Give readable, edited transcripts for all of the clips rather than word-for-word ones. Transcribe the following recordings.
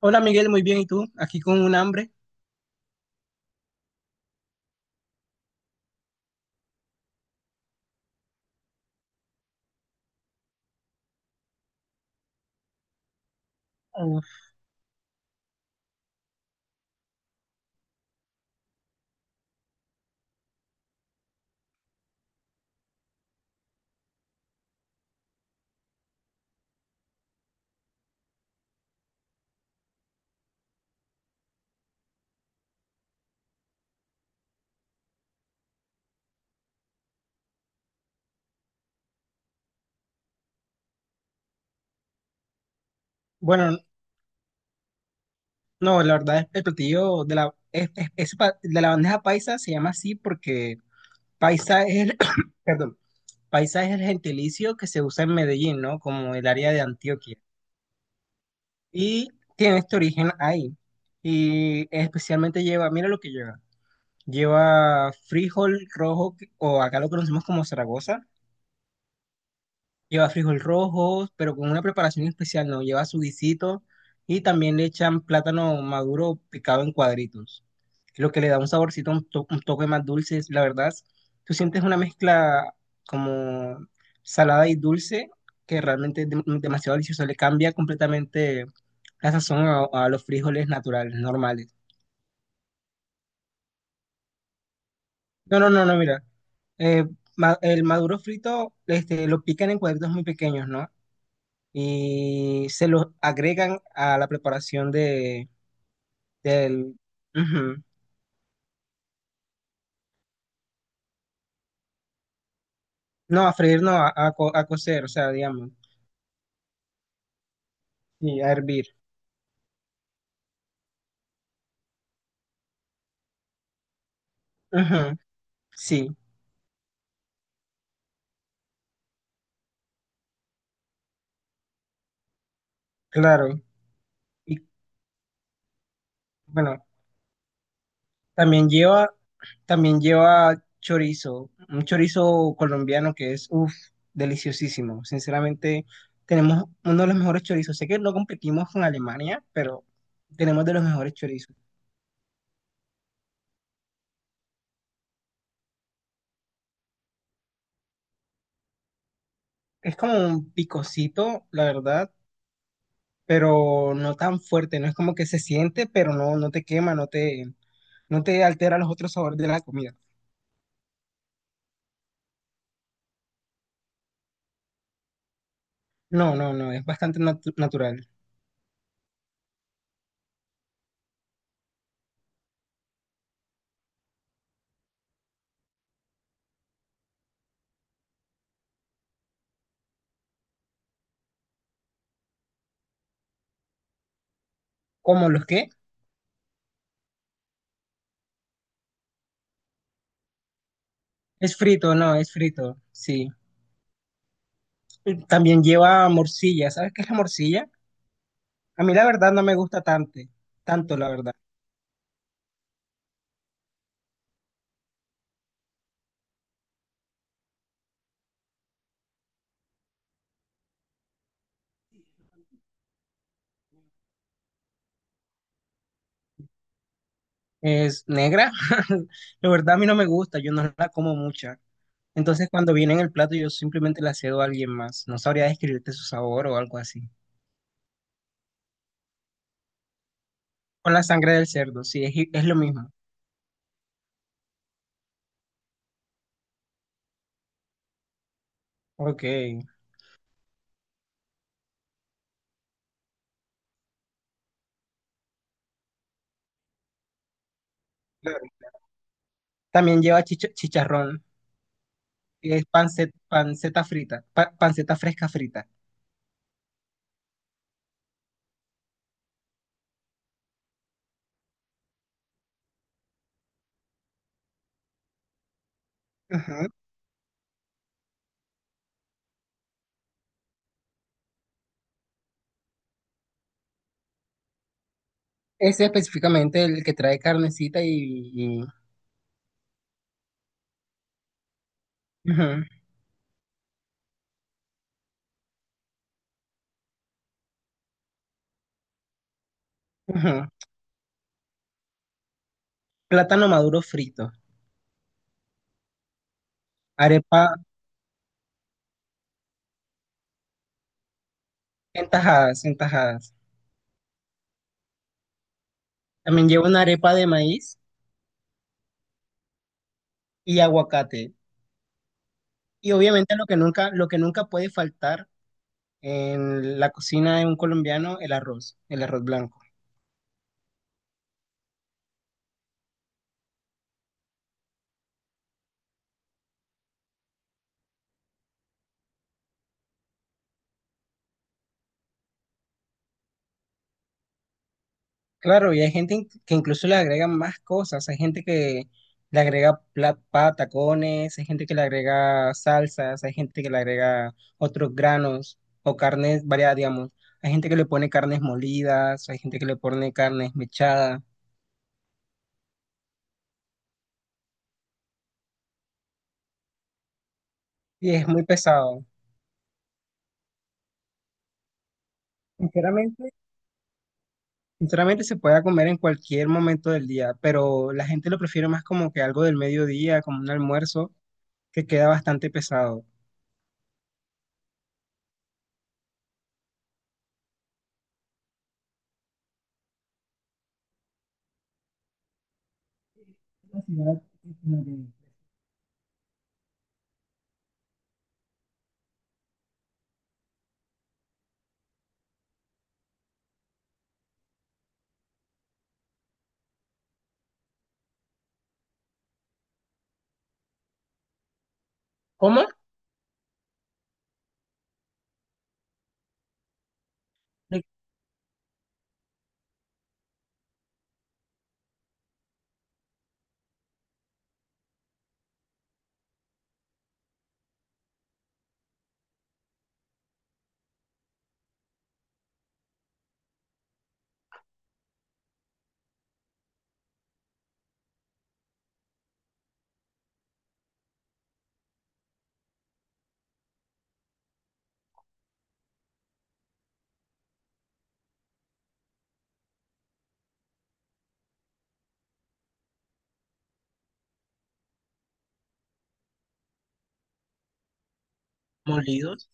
Hola Miguel, muy bien. ¿Y tú? Aquí con un hambre. Uf, Bueno, no, la verdad es el platillo de la, de la bandeja paisa se llama así porque paisa es el, perdón, paisa es el gentilicio que se usa en Medellín, ¿no? Como el área de Antioquia. Y tiene este origen ahí. Y especialmente lleva, mira lo que lleva. Lleva frijol rojo o acá lo conocemos como Zaragoza. Lleva frijol rojo, pero con una preparación especial, no. Lleva su guisito y también le echan plátano maduro picado en cuadritos. Lo que le da un saborcito, un toque más dulce. La verdad, tú sientes una mezcla como salada y dulce que realmente es demasiado delicioso. Le cambia completamente la sazón a los frijoles naturales, normales. No, no, no, no, mira. Eh, el maduro frito, este, lo pican en cuadritos muy pequeños, ¿no? Y se los agregan a la preparación de, del... Ujú. No, a freír, no, a cocer, o sea, digamos, y a hervir. Ujú, sí, claro. Y bueno, también lleva, también lleva chorizo, un chorizo colombiano que es, uff, deliciosísimo. Sinceramente, tenemos uno de los mejores chorizos. Sé que no competimos con Alemania, pero tenemos de los mejores chorizos. Es como un picocito, la verdad, pero no tan fuerte, no es como que se siente, pero no, no te quema, no te altera los otros sabores de la comida. No, no, no, es bastante natural. ¿Cómo los qué? Es frito, no, es frito, sí. Y también lleva morcilla, ¿sabes qué es la morcilla? A mí la verdad no me gusta tanto, tanto la verdad. Es negra, la verdad a mí no me gusta, yo no la como mucha. Entonces cuando viene en el plato yo simplemente la cedo a alguien más. No sabría describirte su sabor o algo así. Con la sangre del cerdo, sí, es lo mismo. Ok. Claro. También lleva chicharrón. Que es panceta, panceta frita, panceta fresca frita. Ajá. Ese específicamente el que trae carnecita y- ujú, ujú. Plátano maduro frito. Arepa en tajadas, en tajadas. También lleva una arepa de maíz y aguacate. Y obviamente lo que nunca puede faltar en la cocina de un colombiano, el arroz blanco. Claro, y hay gente que incluso le agrega más cosas. Hay gente que le agrega tacones, hay gente que le agrega salsas, hay gente que le agrega otros granos o carnes variadas, digamos. Hay gente que le pone carnes molidas, hay gente que le pone carnes mechadas, y es muy pesado. Sinceramente, Sinceramente se puede comer en cualquier momento del día, pero la gente lo prefiere más como que algo del mediodía, como un almuerzo, que queda bastante pesado. ¿Cómo? Molidos.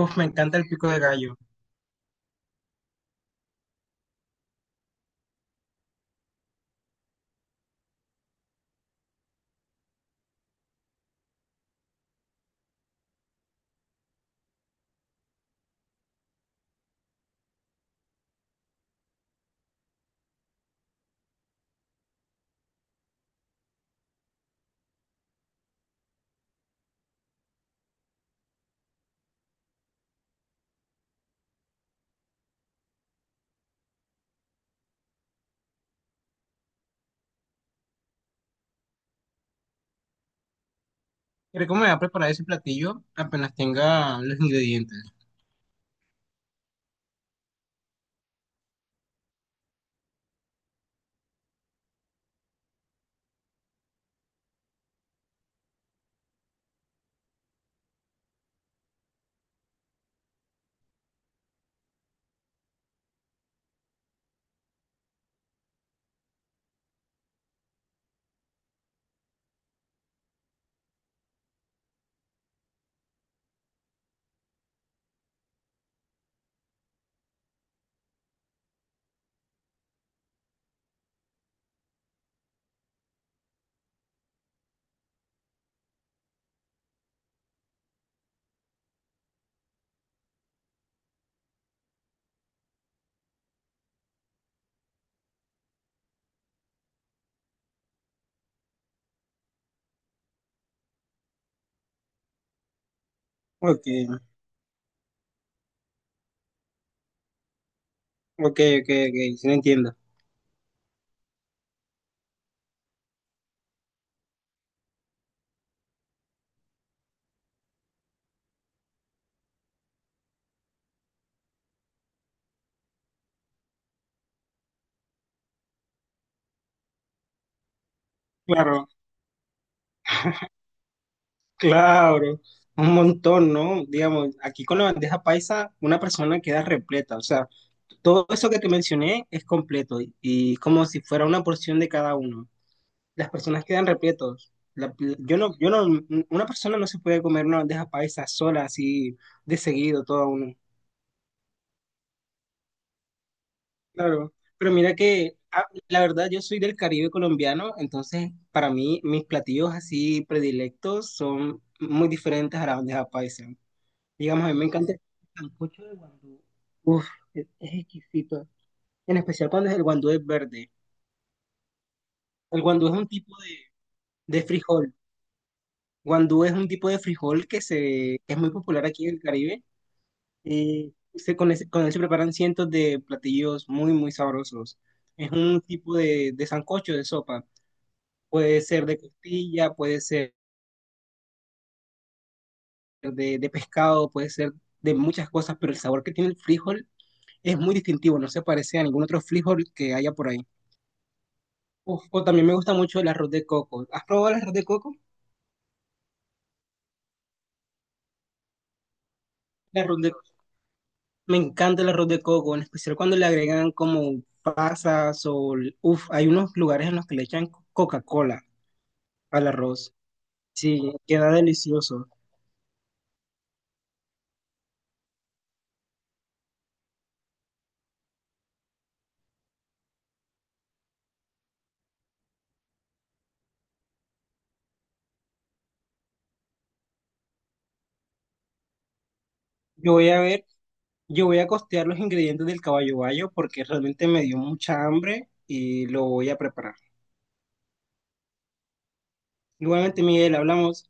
Uf, me encanta el pico de gallo. Creo que me voy a preparar ese platillo apenas tenga los ingredientes. Ok, ok, ok, sí lo entiendo. Claro, claro, un montón, ¿no? Digamos, aquí con la bandeja paisa, una persona queda repleta, o sea, todo eso que te mencioné es completo y como si fuera una porción de cada uno. Las personas quedan repletos. Yo no, una persona no se puede comer una bandeja paisa sola así de seguido, todo uno. Claro, pero mira que ah, la verdad yo soy del Caribe colombiano, entonces para mí mis platillos así predilectos son muy diferentes a la bandeja paisa. Digamos, a mí me encanta el sancocho de guandú. Uf, es exquisito. En especial cuando es el guandú es verde. El guandú es un tipo de frijol. Guandú es un tipo de frijol que se que es muy popular aquí en el Caribe. Y se, con, con él se preparan cientos de platillos muy, muy sabrosos. Es un tipo de sancocho de sopa. Puede ser de costilla, puede ser de pescado, puede ser de muchas cosas, pero el sabor que tiene el frijol es muy distintivo, no se parece a ningún otro frijol que haya por ahí. Uf, o también me gusta mucho el arroz de coco. ¿Has probado el arroz de coco? El arroz de- Me encanta el arroz de coco, en especial cuando le agregan como pasas o... Uf, hay unos lugares en los que le echan Coca-Cola al arroz. Sí, queda delicioso. Yo voy a ver. Yo voy a costear los ingredientes del caballo bayo porque realmente me dio mucha hambre y lo voy a preparar. Igualmente, Miguel, hablamos.